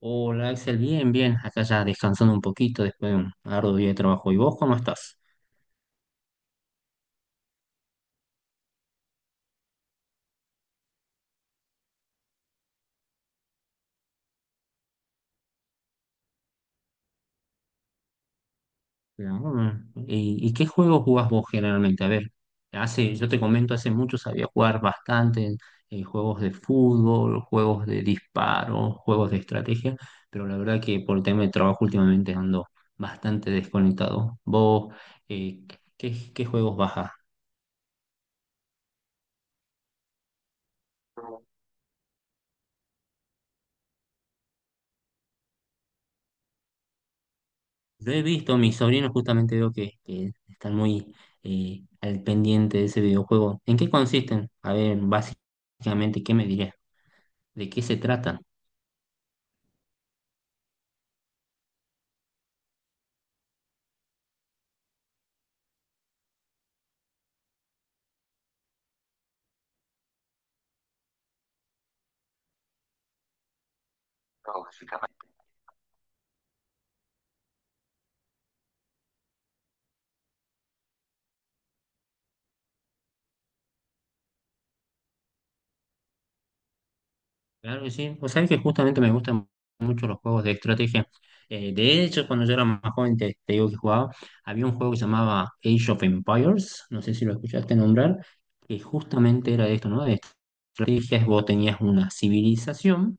Hola Axel, bien, bien, acá ya descansando un poquito después de un arduo día de trabajo. ¿Y vos cómo estás? Bien, mm. ¿Y qué juegos jugás vos generalmente? A ver, hace, yo te comento, hace mucho sabía jugar bastante juegos de fútbol, juegos de disparo, juegos de estrategia, pero la verdad que por el tema de trabajo últimamente ando bastante desconectado. ¿Vos eh, qué, qué juegos bajás? Lo he visto, mis sobrinos justamente veo que están muy al pendiente de ese videojuego. ¿En qué consisten? A ver, básicamente, ¿qué me dirías? ¿De qué se trata? Claro que sí. Pues sabes que justamente me gustan mucho los juegos de estrategia. De hecho, cuando yo era más joven, te digo que jugaba, había un juego que se llamaba Age of Empires, no sé si lo escuchaste nombrar, que justamente era de esto, ¿no? De estrategias, vos tenías una civilización,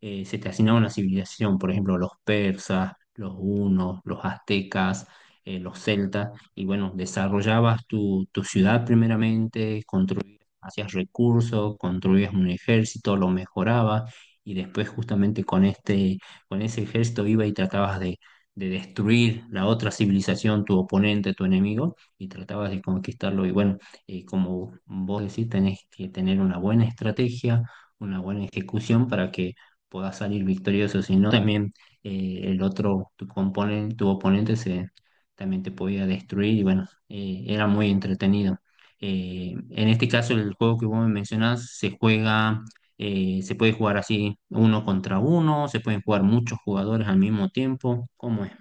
se te asignaba una civilización, por ejemplo, los persas, los hunos, los aztecas, los celtas, y bueno, desarrollabas tu, tu ciudad primeramente, construías hacías recursos, construías un ejército, lo mejorabas y después justamente con este, con ese ejército iba y tratabas de destruir la otra civilización, tu oponente, tu enemigo y tratabas de conquistarlo. Y bueno, como vos decís, tenés que tener una buena estrategia, una buena ejecución para que puedas salir victorioso, si no también el otro, tu oponente se, también te podía destruir y bueno, era muy entretenido. En este caso, el juego que vos me mencionás se juega, se puede jugar así uno contra uno, se pueden jugar muchos jugadores al mismo tiempo. ¿Cómo es?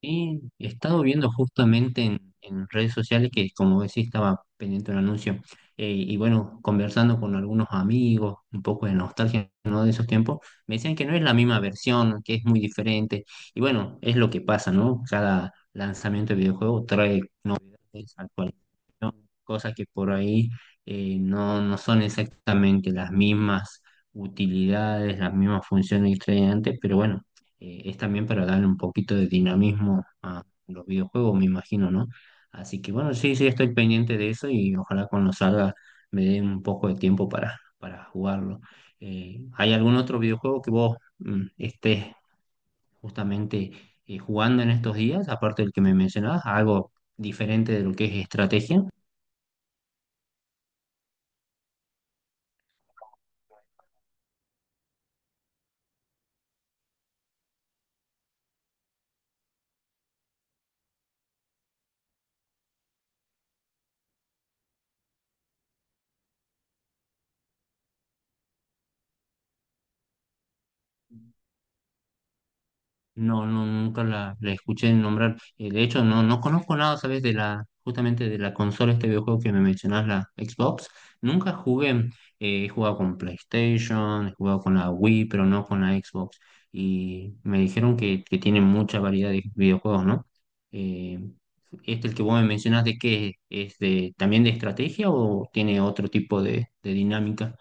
Y he estado viendo justamente en redes sociales que, como decía, estaba pendiente un anuncio. Y bueno, conversando con algunos amigos, un poco de nostalgia, ¿no? De esos tiempos, me decían que no es la misma versión, que es muy diferente. Y bueno, es lo que pasa, ¿no? Cada lanzamiento de videojuego trae novedades actuales. Cosas que por ahí no, no son exactamente las mismas utilidades, las mismas funciones que traían antes, pero bueno, es también para darle un poquito de dinamismo a los videojuegos, me imagino, ¿no? Así que bueno, sí, sí, estoy pendiente de eso y ojalá cuando salga me dé un poco de tiempo para jugarlo. ¿Hay algún otro videojuego que vos estés justamente jugando en estos días, aparte del que me mencionabas, algo diferente de lo que es estrategia? No, no, nunca la, la escuché nombrar. De hecho, no, no conozco nada, ¿sabes? De la, justamente de la consola, este videojuego que me mencionás, la Xbox. Nunca jugué. He jugado con PlayStation, he jugado con la Wii, pero no con la Xbox. Y me dijeron que tiene mucha variedad de videojuegos, ¿no? Eh, este, el que vos me mencionás, ¿de qué es? ¿Es de, también de estrategia o tiene otro tipo de dinámica?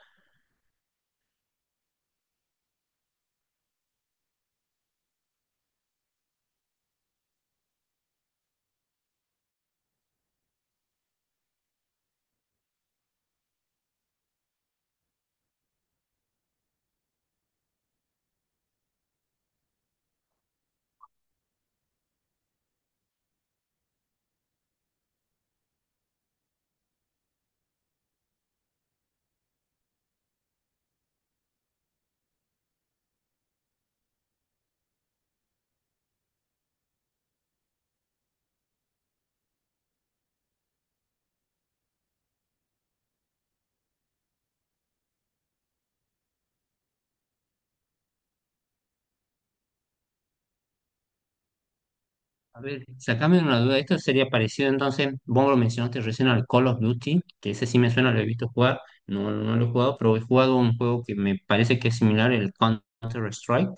A ver, sacame una duda. Esto sería parecido entonces, vos lo mencionaste recién al Call of Duty, que ese sí me suena, lo he visto jugar, no, no lo he jugado, pero he jugado un juego que me parece que es similar, el Counter-Strike.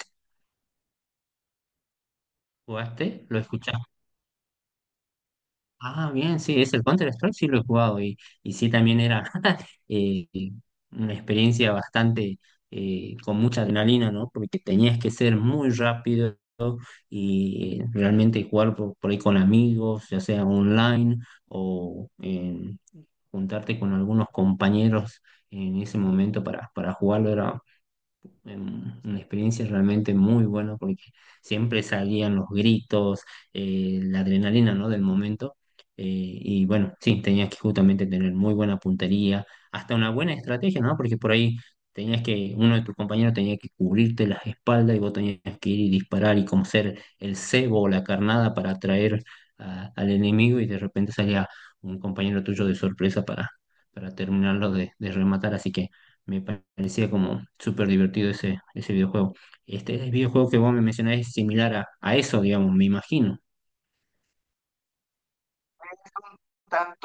¿Jugaste? ¿Lo escuchaste? Ah, bien, sí, es el Counter-Strike, sí lo he jugado y sí también era eh, una experiencia bastante con mucha adrenalina, ¿no? Porque tenías que ser muy rápido y realmente jugar por ahí con amigos, ya sea online o juntarte con algunos compañeros en ese momento para jugarlo era una experiencia realmente muy buena porque siempre salían los gritos, la adrenalina, ¿no? Del momento. Y bueno, sí, tenías que justamente tener muy buena puntería, hasta una buena estrategia, ¿no? Porque por ahí tenías que, uno de tus compañeros tenía que cubrirte las espaldas y vos tenías que ir y disparar y como ser el cebo o la carnada para atraer al enemigo y de repente salía un compañero tuyo de sorpresa para terminarlo de rematar. Así que me parecía como súper divertido ese, ese videojuego. Este el videojuego que vos me mencionás es similar a eso, digamos, me imagino. Tan-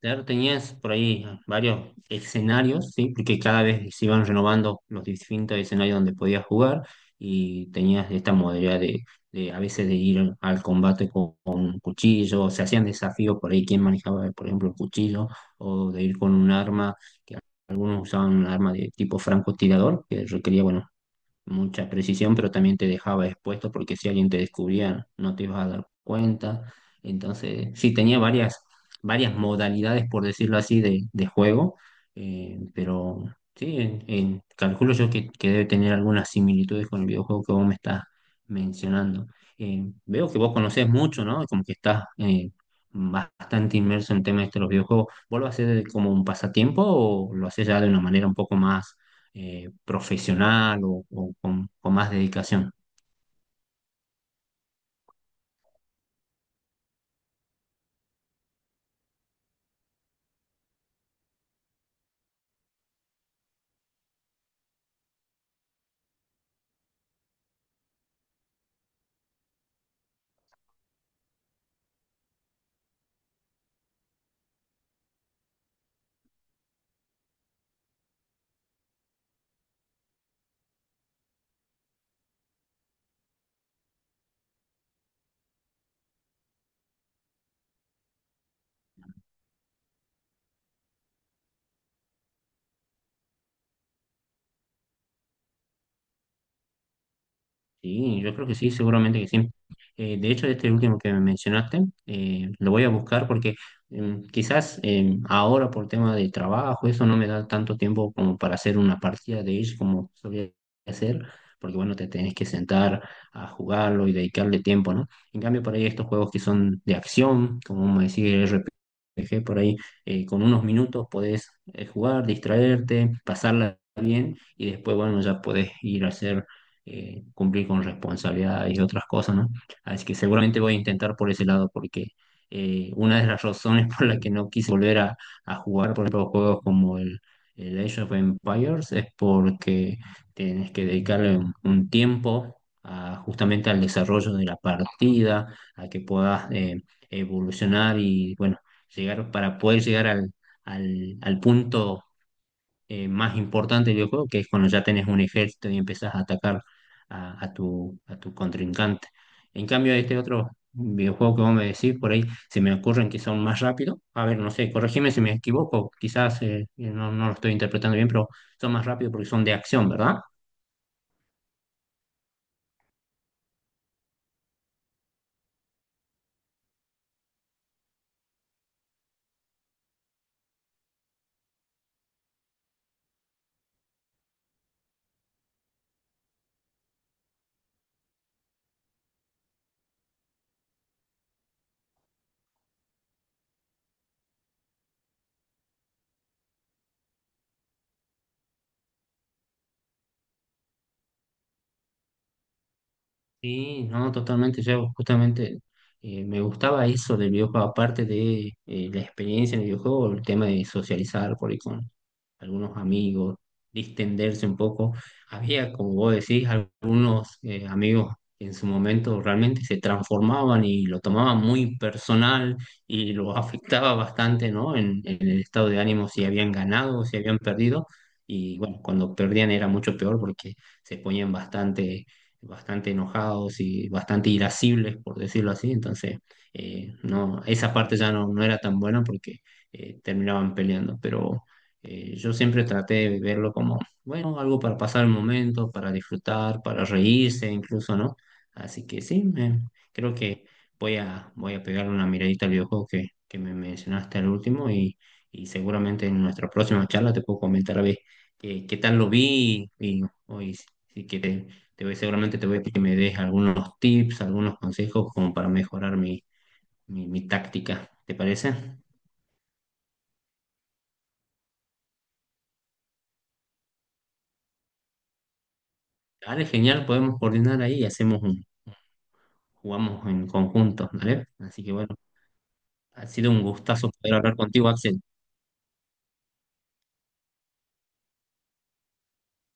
Claro, tenías por ahí varios escenarios, ¿sí? Porque cada vez se iban renovando los distintos escenarios donde podías jugar y tenías esta modalidad de a veces de ir al combate con un cuchillo, o se hacían desafíos por ahí, quién manejaba, por ejemplo, el cuchillo, o de ir con un arma, que algunos usaban un arma de tipo francotirador, que requería, bueno, mucha precisión, pero también te dejaba expuesto porque si alguien te descubría no te ibas a dar cuenta. Entonces, sí, tenía varias, varias modalidades, por decirlo así, de juego, pero sí, calculo yo que debe tener algunas similitudes con el videojuego que vos me estás mencionando. Veo que vos conocés mucho, ¿no? Como que estás bastante inmerso en temas de los videojuegos. ¿Vos lo hacés como un pasatiempo o lo haces ya de una manera un poco más profesional o con más dedicación? Sí, yo creo que sí, seguramente que sí. De hecho, este último que me mencionaste, lo voy a buscar porque quizás ahora por tema de trabajo, eso no me da tanto tiempo como para hacer una partida de Age como solía hacer, porque bueno, te tenés que sentar a jugarlo y dedicarle tiempo, ¿no? En cambio, por ahí estos juegos que son de acción, como me decía RPG, por ahí con unos minutos podés jugar, distraerte, pasarla bien y después, bueno, ya podés ir a hacer cumplir con responsabilidades y otras cosas, ¿no? Así que seguramente voy a intentar por ese lado, porque una de las razones por la que no quise volver a jugar, por ejemplo, juegos como el Age of Empires, es porque tienes que dedicarle un tiempo justamente al desarrollo de la partida, a que puedas evolucionar y, bueno, llegar para poder llegar al, al, al punto más importante del videojuego, que es cuando ya tenés un ejército y empezás a atacar a tu contrincante. En cambio, este otro videojuego que vos me decís, por ahí se me ocurren que son más rápidos. A ver, no sé, corregime si me equivoco, quizás no, no lo estoy interpretando bien, pero son más rápidos porque son de acción, ¿verdad? Sí, no, totalmente. Yo justamente me gustaba eso del videojuego, aparte de la experiencia en el videojuego, el tema de socializar por ahí con, algunos amigos, distenderse un poco. Había, como vos decís, algunos amigos que en su momento realmente se transformaban y lo tomaban muy personal y lo afectaba bastante, ¿no? En el estado de ánimo, si habían ganado o si habían perdido. Y bueno, cuando perdían era mucho peor porque se ponían bastante, bastante enojados y bastante irascibles, por decirlo así. Entonces, no, esa parte ya no, no era tan buena porque terminaban peleando. Pero yo siempre traté de verlo como, bueno, algo para pasar el momento, para disfrutar, para reírse incluso, ¿no? Así que sí, creo que voy a, voy a pegarle una miradita al videojuego que me mencionaste al último y seguramente en nuestra próxima charla te puedo comentar a ver qué, qué tal lo vi y, hoy sí que te voy, seguramente te voy a pedir que me des algunos tips, algunos consejos como para mejorar mi, mi, mi táctica. ¿Te parece? Dale, genial, podemos coordinar ahí y hacemos un jugamos en conjunto, ¿vale? Así que bueno, ha sido un gustazo poder hablar contigo, Axel.